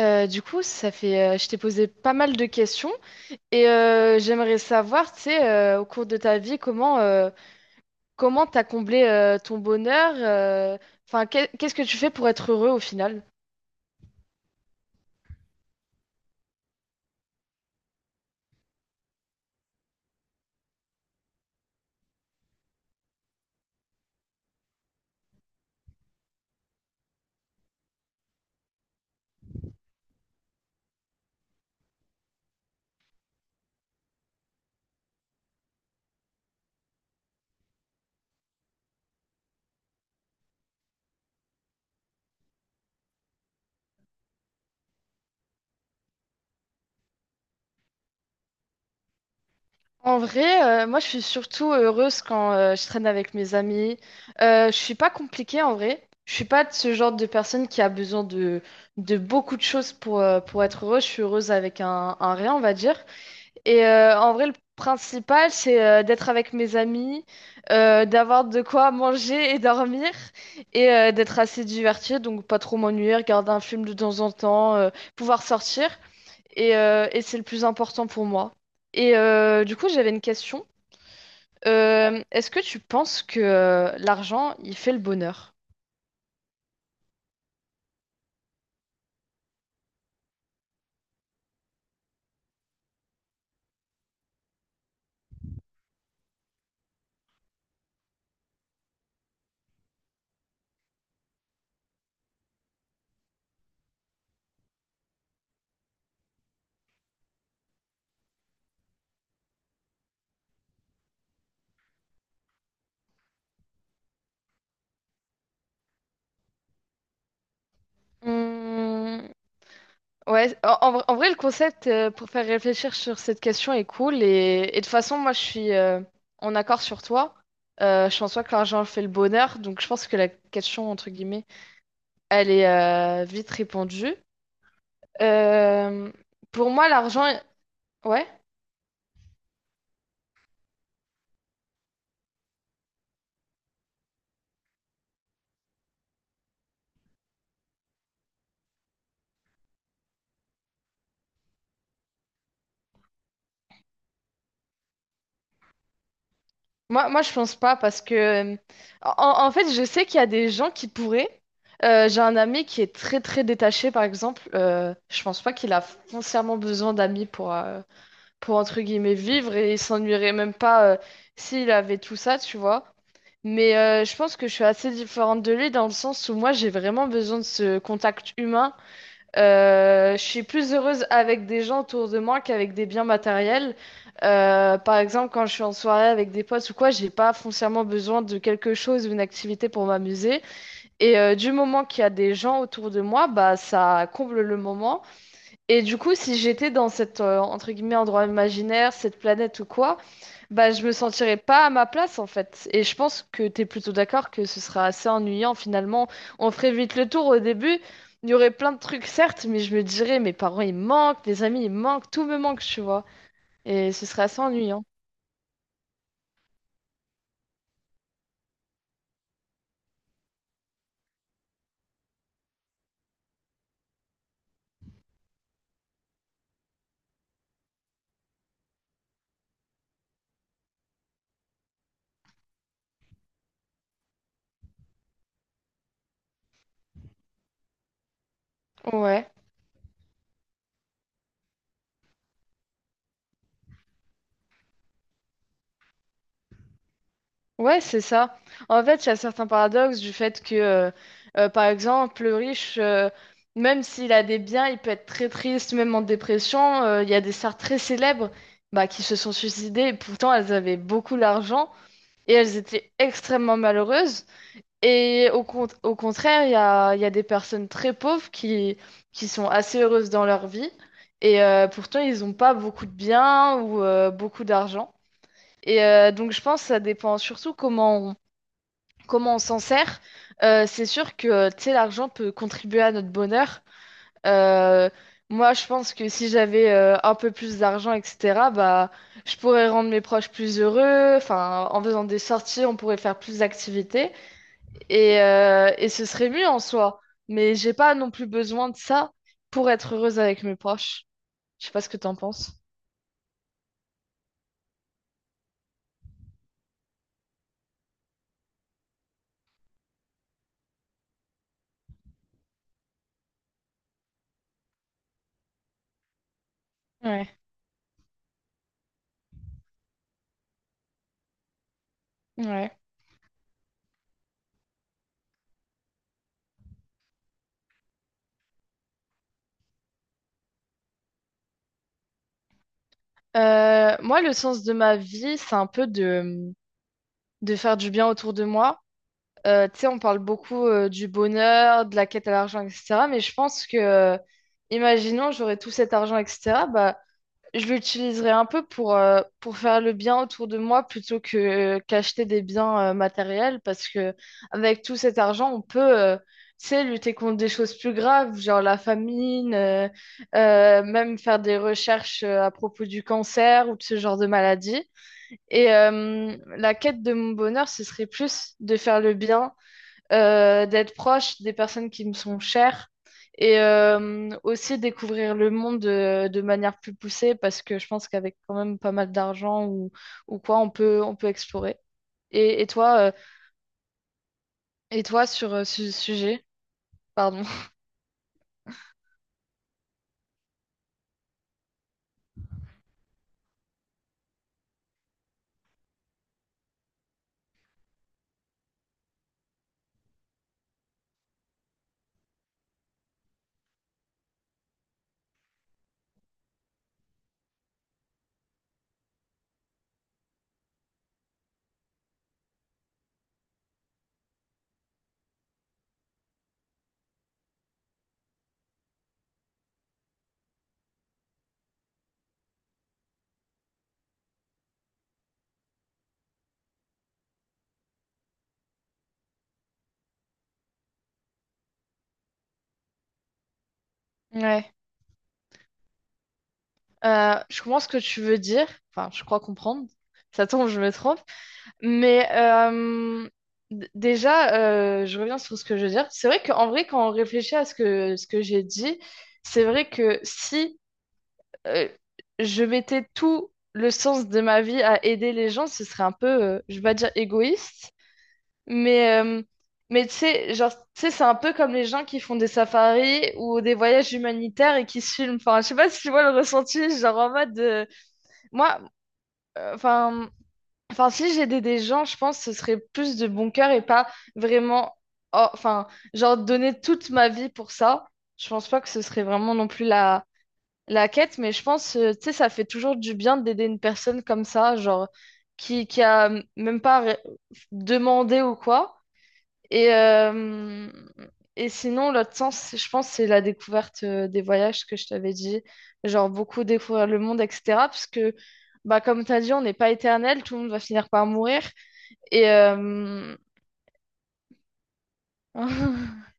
Ça fait, je t'ai posé pas mal de questions j'aimerais savoir, tu sais, au cours de ta vie, comment t'as comblé ton bonheur, enfin, qu'est-ce que tu fais pour être heureux au final? En vrai, moi, je suis surtout heureuse quand je traîne avec mes amis. Je suis pas compliquée en vrai. Je suis pas de ce genre de personne qui a besoin de beaucoup de choses pour être heureuse. Je suis heureuse avec un rien, on va dire. En vrai, le principal, c'est d'être avec mes amis, d'avoir de quoi manger et dormir, d'être assez diverti, donc pas trop m'ennuyer, regarder un film de temps en temps, pouvoir sortir. Et c'est le plus important pour moi. J'avais une question. Est-ce que tu penses que l'argent, il fait le bonheur? Hmm. Ouais, en vrai, le concept pour faire réfléchir sur cette question est cool. Et de toute façon, moi, je suis en accord sur toi. Je pense pas que l'argent fait le bonheur. Donc, je pense que la question, entre guillemets, elle est vite répondue. Euh, pour moi, l'argent, ouais. Moi, je pense pas parce que en fait, je sais qu'il y a des gens qui pourraient. J'ai un ami qui est très, très détaché, par exemple. Je pense pas qu'il a foncièrement besoin d'amis pour pour entre guillemets vivre et il s'ennuierait même pas s'il avait tout ça, tu vois. Mais je pense que je suis assez différente de lui dans le sens où moi j'ai vraiment besoin de ce contact humain. Je suis plus heureuse avec des gens autour de moi qu'avec des biens matériels. Par exemple, quand je suis en soirée avec des potes ou quoi, j'ai pas foncièrement besoin de quelque chose ou une activité pour m'amuser. Du moment qu'il y a des gens autour de moi, bah ça comble le moment. Et du coup, si j'étais dans cet, entre guillemets, endroit imaginaire, cette planète ou quoi, bah, je me sentirais pas à ma place, en fait. Et je pense que t'es plutôt d'accord que ce sera assez ennuyant, finalement. On ferait vite le tour au début. Il y aurait plein de trucs, certes, mais je me dirais, mes parents, ils me manquent, des amis, ils me manquent, tout me manque, tu vois. Et ce serait assez ennuyant. Ouais. Ouais, c'est ça. En fait, il y a certains paradoxes du fait que, par exemple, le riche, même s'il a des biens, il peut être très triste, même en dépression. Il y a des stars très célèbres bah, qui se sont suicidées, et pourtant elles avaient beaucoup d'argent et elles étaient extrêmement malheureuses. Et au contraire, il y a des personnes très pauvres qui sont assez heureuses dans leur vie, pourtant ils n'ont pas beaucoup de biens ou beaucoup d'argent. Donc je pense que ça dépend surtout comment on s'en sert, c'est sûr que tu sais, l'argent peut contribuer à notre bonheur. Euh, moi, je pense que si j'avais un peu plus d'argent, etc., bah, je pourrais rendre mes proches plus heureux. Enfin, en faisant des sorties, on pourrait faire plus d'activités et et ce serait mieux en soi. Mais j'ai pas non plus besoin de ça pour être heureuse avec mes proches. Je sais pas ce que t'en penses. Ouais, ouais. Moi, le sens de ma vie, c'est un peu de faire du bien autour de moi. Tu sais, on parle beaucoup du bonheur, de la quête à l'argent, etc. Mais je pense que, imaginons, j'aurais tout cet argent, etc. Bah, je l'utiliserais un peu pour pour faire le bien autour de moi plutôt que qu'acheter des biens matériels. Parce que avec tout cet argent, on peut, tu sais, lutter contre des choses plus graves, genre la famine, même faire des recherches à propos du cancer ou de ce genre de maladie. La quête de mon bonheur, ce serait plus de faire le bien d'être proche des personnes qui me sont chères et aussi découvrir le monde de manière plus poussée parce que je pense qu'avec quand même pas mal d'argent ou quoi, on peut explorer. Et toi, et toi sur ce sujet, pardon. Ouais. Je comprends ce que tu veux dire. Enfin, je crois comprendre. Ça tombe, je me trompe. Mais déjà, je reviens sur ce que je veux dire. C'est vrai qu'en vrai, quand on réfléchit à ce ce que j'ai dit, c'est vrai que si euh, je mettais tout le sens de ma vie à aider les gens, ce serait un peu, je vais pas dire égoïste, mais, mais tu sais, genre, tu sais, c'est un peu comme les gens qui font des safaris ou des voyages humanitaires et qui se filment. Enfin, je sais pas si tu vois le ressenti, genre en mode, moi, enfin, enfin, si j'aidais des gens, je pense que ce serait plus de bon cœur et pas vraiment, oh, enfin, genre donner toute ma vie pour ça. Je pense pas que ce serait vraiment non plus la la quête, mais je pense, tu sais, ça fait toujours du bien d'aider une personne comme ça, genre, qui a même pas demandé ou quoi. Et, euh, et sinon, l'autre sens, je pense, c'est la découverte des voyages que je t'avais dit, genre beaucoup découvrir le monde, etc. Parce que, bah, comme tu as dit, on n'est pas éternel, tout le monde va finir par mourir. Et, euh,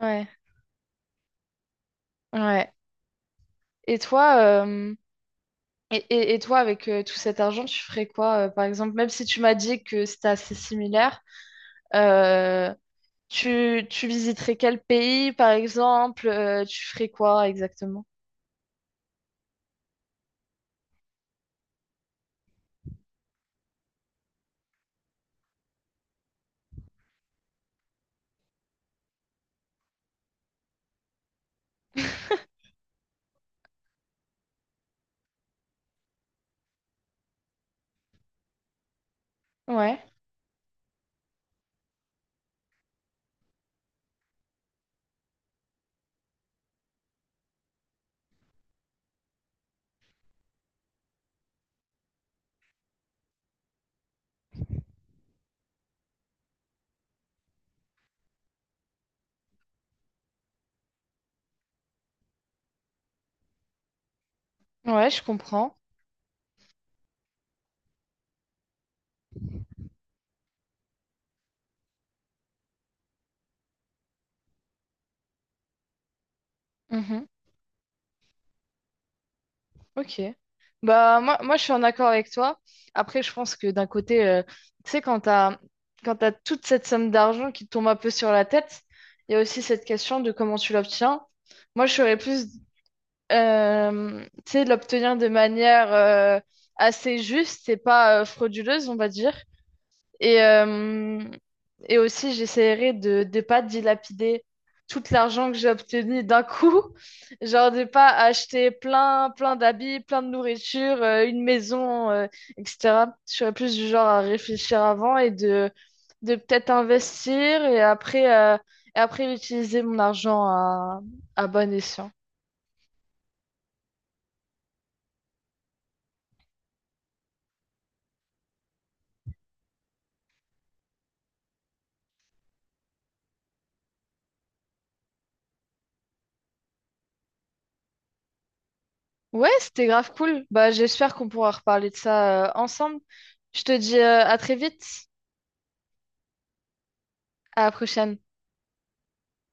ouais, ouais. Et toi, et toi, avec tout cet argent, tu ferais quoi, par exemple, même si tu m'as dit que c'était assez similaire, euh, tu visiterais quel pays, par exemple, tu ferais quoi exactement? Ouais, ouais, je comprends. Mhm. Ok. Bah, moi, je suis en accord avec toi. Après, je pense que d'un côté, tu sais, quand t'as toute cette somme d'argent qui te tombe un peu sur la tête, il y a aussi cette question de comment tu l'obtiens. Moi, je serais plus tu sais, l'obtenir de manière assez juste et pas frauduleuse, on va dire. Et, euh, et aussi, j'essaierai de ne pas dilapider tout l'argent que j'ai obtenu d'un coup. Genre de pas acheter plein, plein d'habits, plein de nourriture, une maison, etc. Je serais plus du genre à réfléchir avant et de peut-être investir et après, et après utiliser mon argent à bon escient. Ouais, c'était grave cool. Bah, j'espère qu'on pourra reparler de ça ensemble. Je te dis à très vite, à la prochaine.